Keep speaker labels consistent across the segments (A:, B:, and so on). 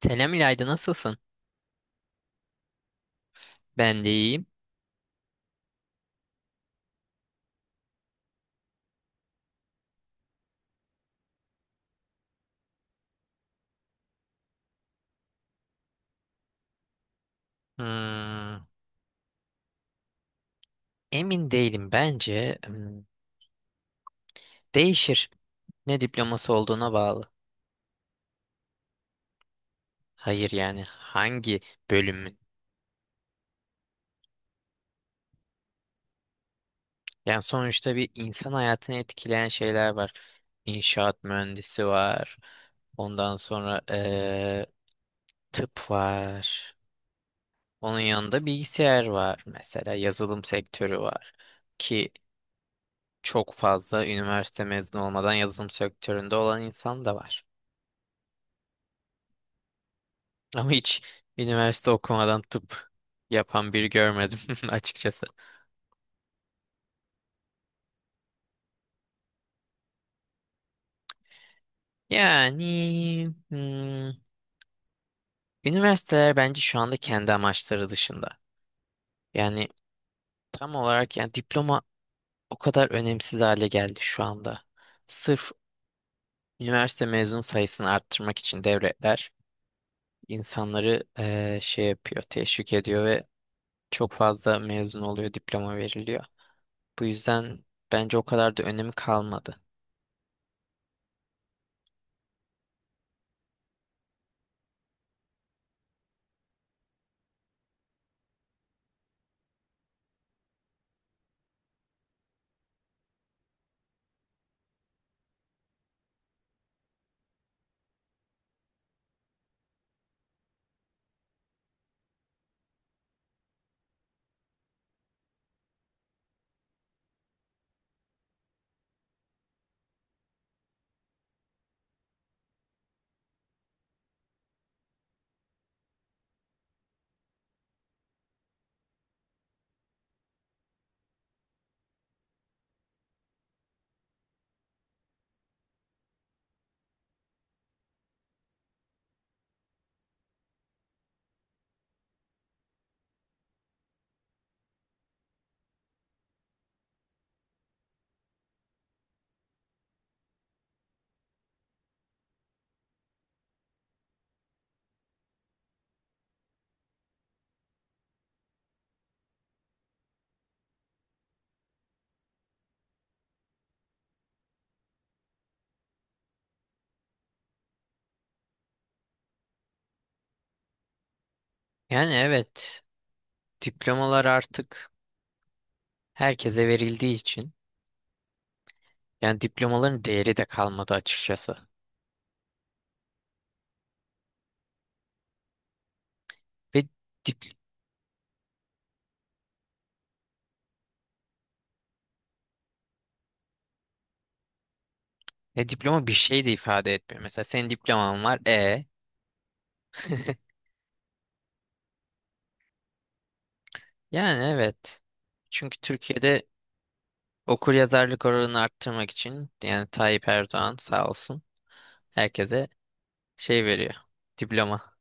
A: Selam İlayda, nasılsın? Ben de iyiyim. Hmm, emin değilim bence. Değişir. Ne diploması olduğuna bağlı. Hayır, yani hangi bölümün? Yani sonuçta bir insan hayatını etkileyen şeyler var. İnşaat mühendisi var. Ondan sonra tıp var. Onun yanında bilgisayar var mesela. Yazılım sektörü var. Ki çok fazla üniversite mezunu olmadan yazılım sektöründe olan insan da var. Ama hiç üniversite okumadan tıp yapan biri görmedim açıkçası. Yani hmm, üniversiteler bence şu anda kendi amaçları dışında. Yani tam olarak, yani diploma o kadar önemsiz hale geldi şu anda. Sırf üniversite mezun sayısını arttırmak için devletler insanları şey yapıyor, teşvik ediyor ve çok fazla mezun oluyor, diploma veriliyor. Bu yüzden bence o kadar da önemi kalmadı. Yani evet, diplomalar artık herkese verildiği için yani diplomaların değeri de kalmadı açıkçası. Ve dip- diploma bir şey de ifade etmiyor. Mesela senin diploman var. Yani evet. Çünkü Türkiye'de okur yazarlık oranını arttırmak için, yani Tayyip Erdoğan sağ olsun, herkese şey veriyor. Diploma.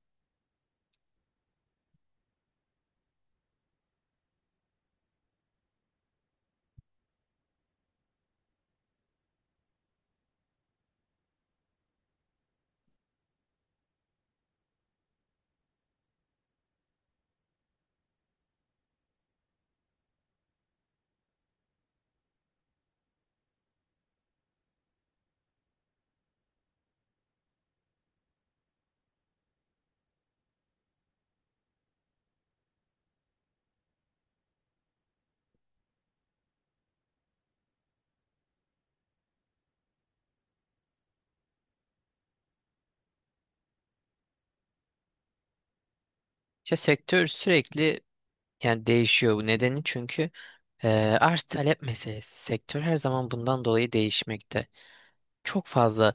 A: İşte sektör sürekli, yani değişiyor, bu nedeni çünkü e, arz talep meselesi. Sektör her zaman bundan dolayı değişmekte. Çok fazla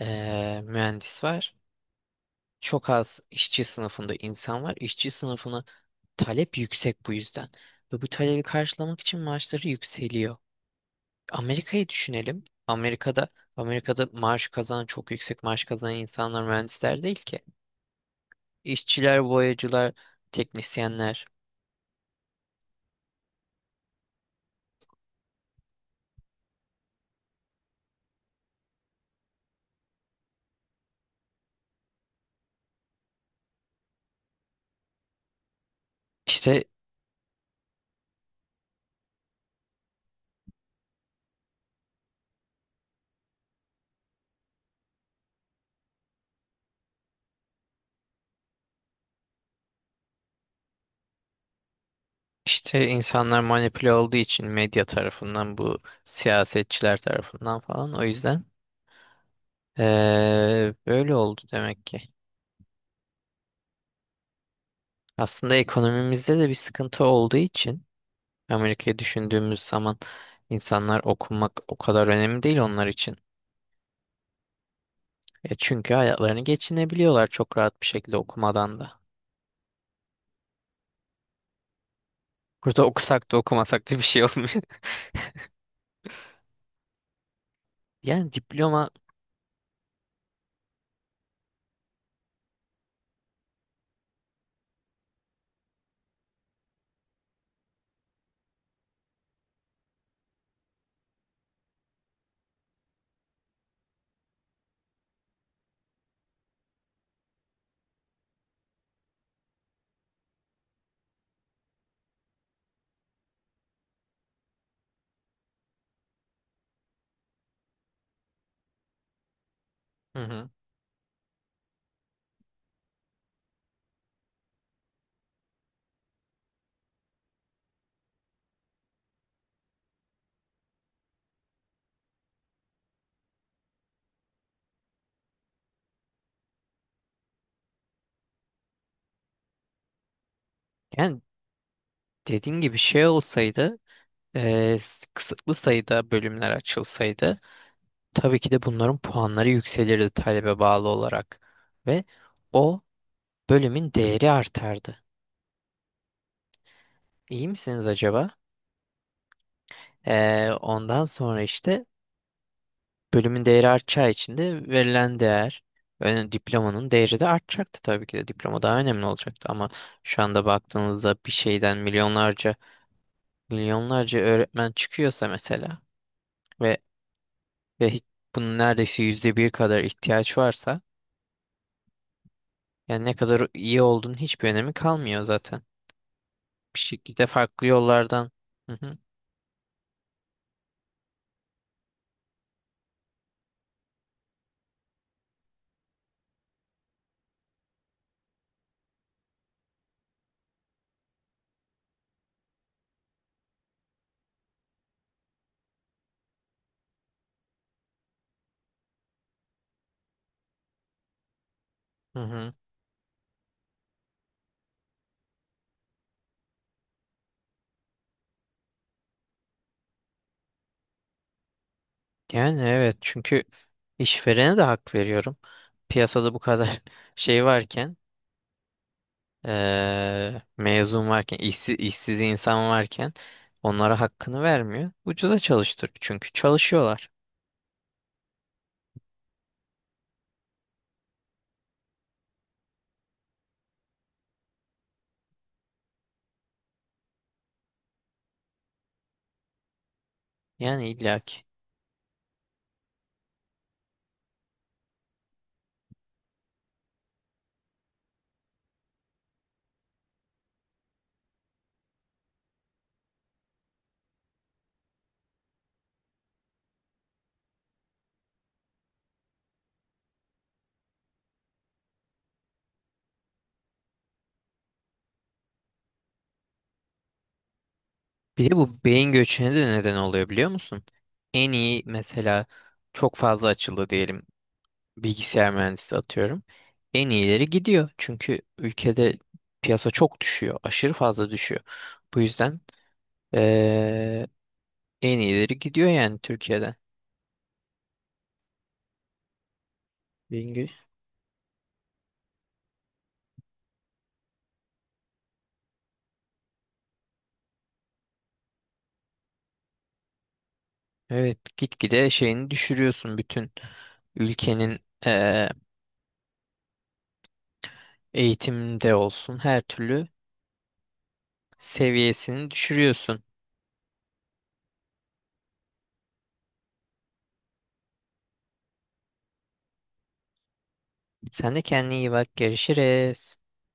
A: e, mühendis var. Çok az işçi sınıfında insan var. İşçi sınıfına talep yüksek bu yüzden. Ve bu talebi karşılamak için maaşları yükseliyor. Amerika'yı düşünelim. Amerika'da maaş kazanan, çok yüksek maaş kazanan insanlar mühendisler değil ki. İşçiler, boyacılar, teknisyenler. İşte işte insanlar manipüle olduğu için medya tarafından, bu siyasetçiler tarafından falan. O yüzden böyle oldu demek ki. Aslında ekonomimizde de bir sıkıntı olduğu için, Amerika'yı düşündüğümüz zaman, insanlar okumak o kadar önemli değil onlar için. Çünkü hayatlarını geçinebiliyorlar çok rahat bir şekilde okumadan da. Burada okusak da okumasak da bir şey olmuyor. Yani diploma. Hı hı. Yani dediğin gibi şey olsaydı, kısıtlı sayıda bölümler açılsaydı, tabii ki de bunların puanları yükselirdi talebe bağlı olarak ve o bölümün değeri artardı. İyi misiniz acaba? Ondan sonra işte bölümün değeri artacağı için de verilen değer, yani diplomanın değeri de artacaktı tabii ki de. Diploma daha önemli olacaktı ama şu anda baktığınızda bir şeyden milyonlarca milyonlarca öğretmen çıkıyorsa mesela ve ve hiç, bunun neredeyse %1 kadar ihtiyaç varsa, yani ne kadar iyi olduğunun hiçbir önemi kalmıyor zaten. Bir şekilde farklı yollardan. Hı hı, hı hı. Yani evet, çünkü işverene de hak veriyorum. Piyasada bu kadar şey varken, mezun varken, işsiz, işsiz insan varken, onlara hakkını vermiyor. Ucuza çalıştırıyor çünkü çalışıyorlar. Yani illaki. Bir de bu beyin göçüne de neden oluyor biliyor musun? En iyi mesela, çok fazla açıldı diyelim bilgisayar mühendisi atıyorum. En iyileri gidiyor. Çünkü ülkede piyasa çok düşüyor. Aşırı fazla düşüyor. Bu yüzden eee, en iyileri gidiyor yani Türkiye'den. Evet, gitgide şeyini düşürüyorsun, bütün ülkenin eee eğitimde olsun her türlü seviyesini düşürüyorsun. Sen de kendine iyi bak, görüşürüz.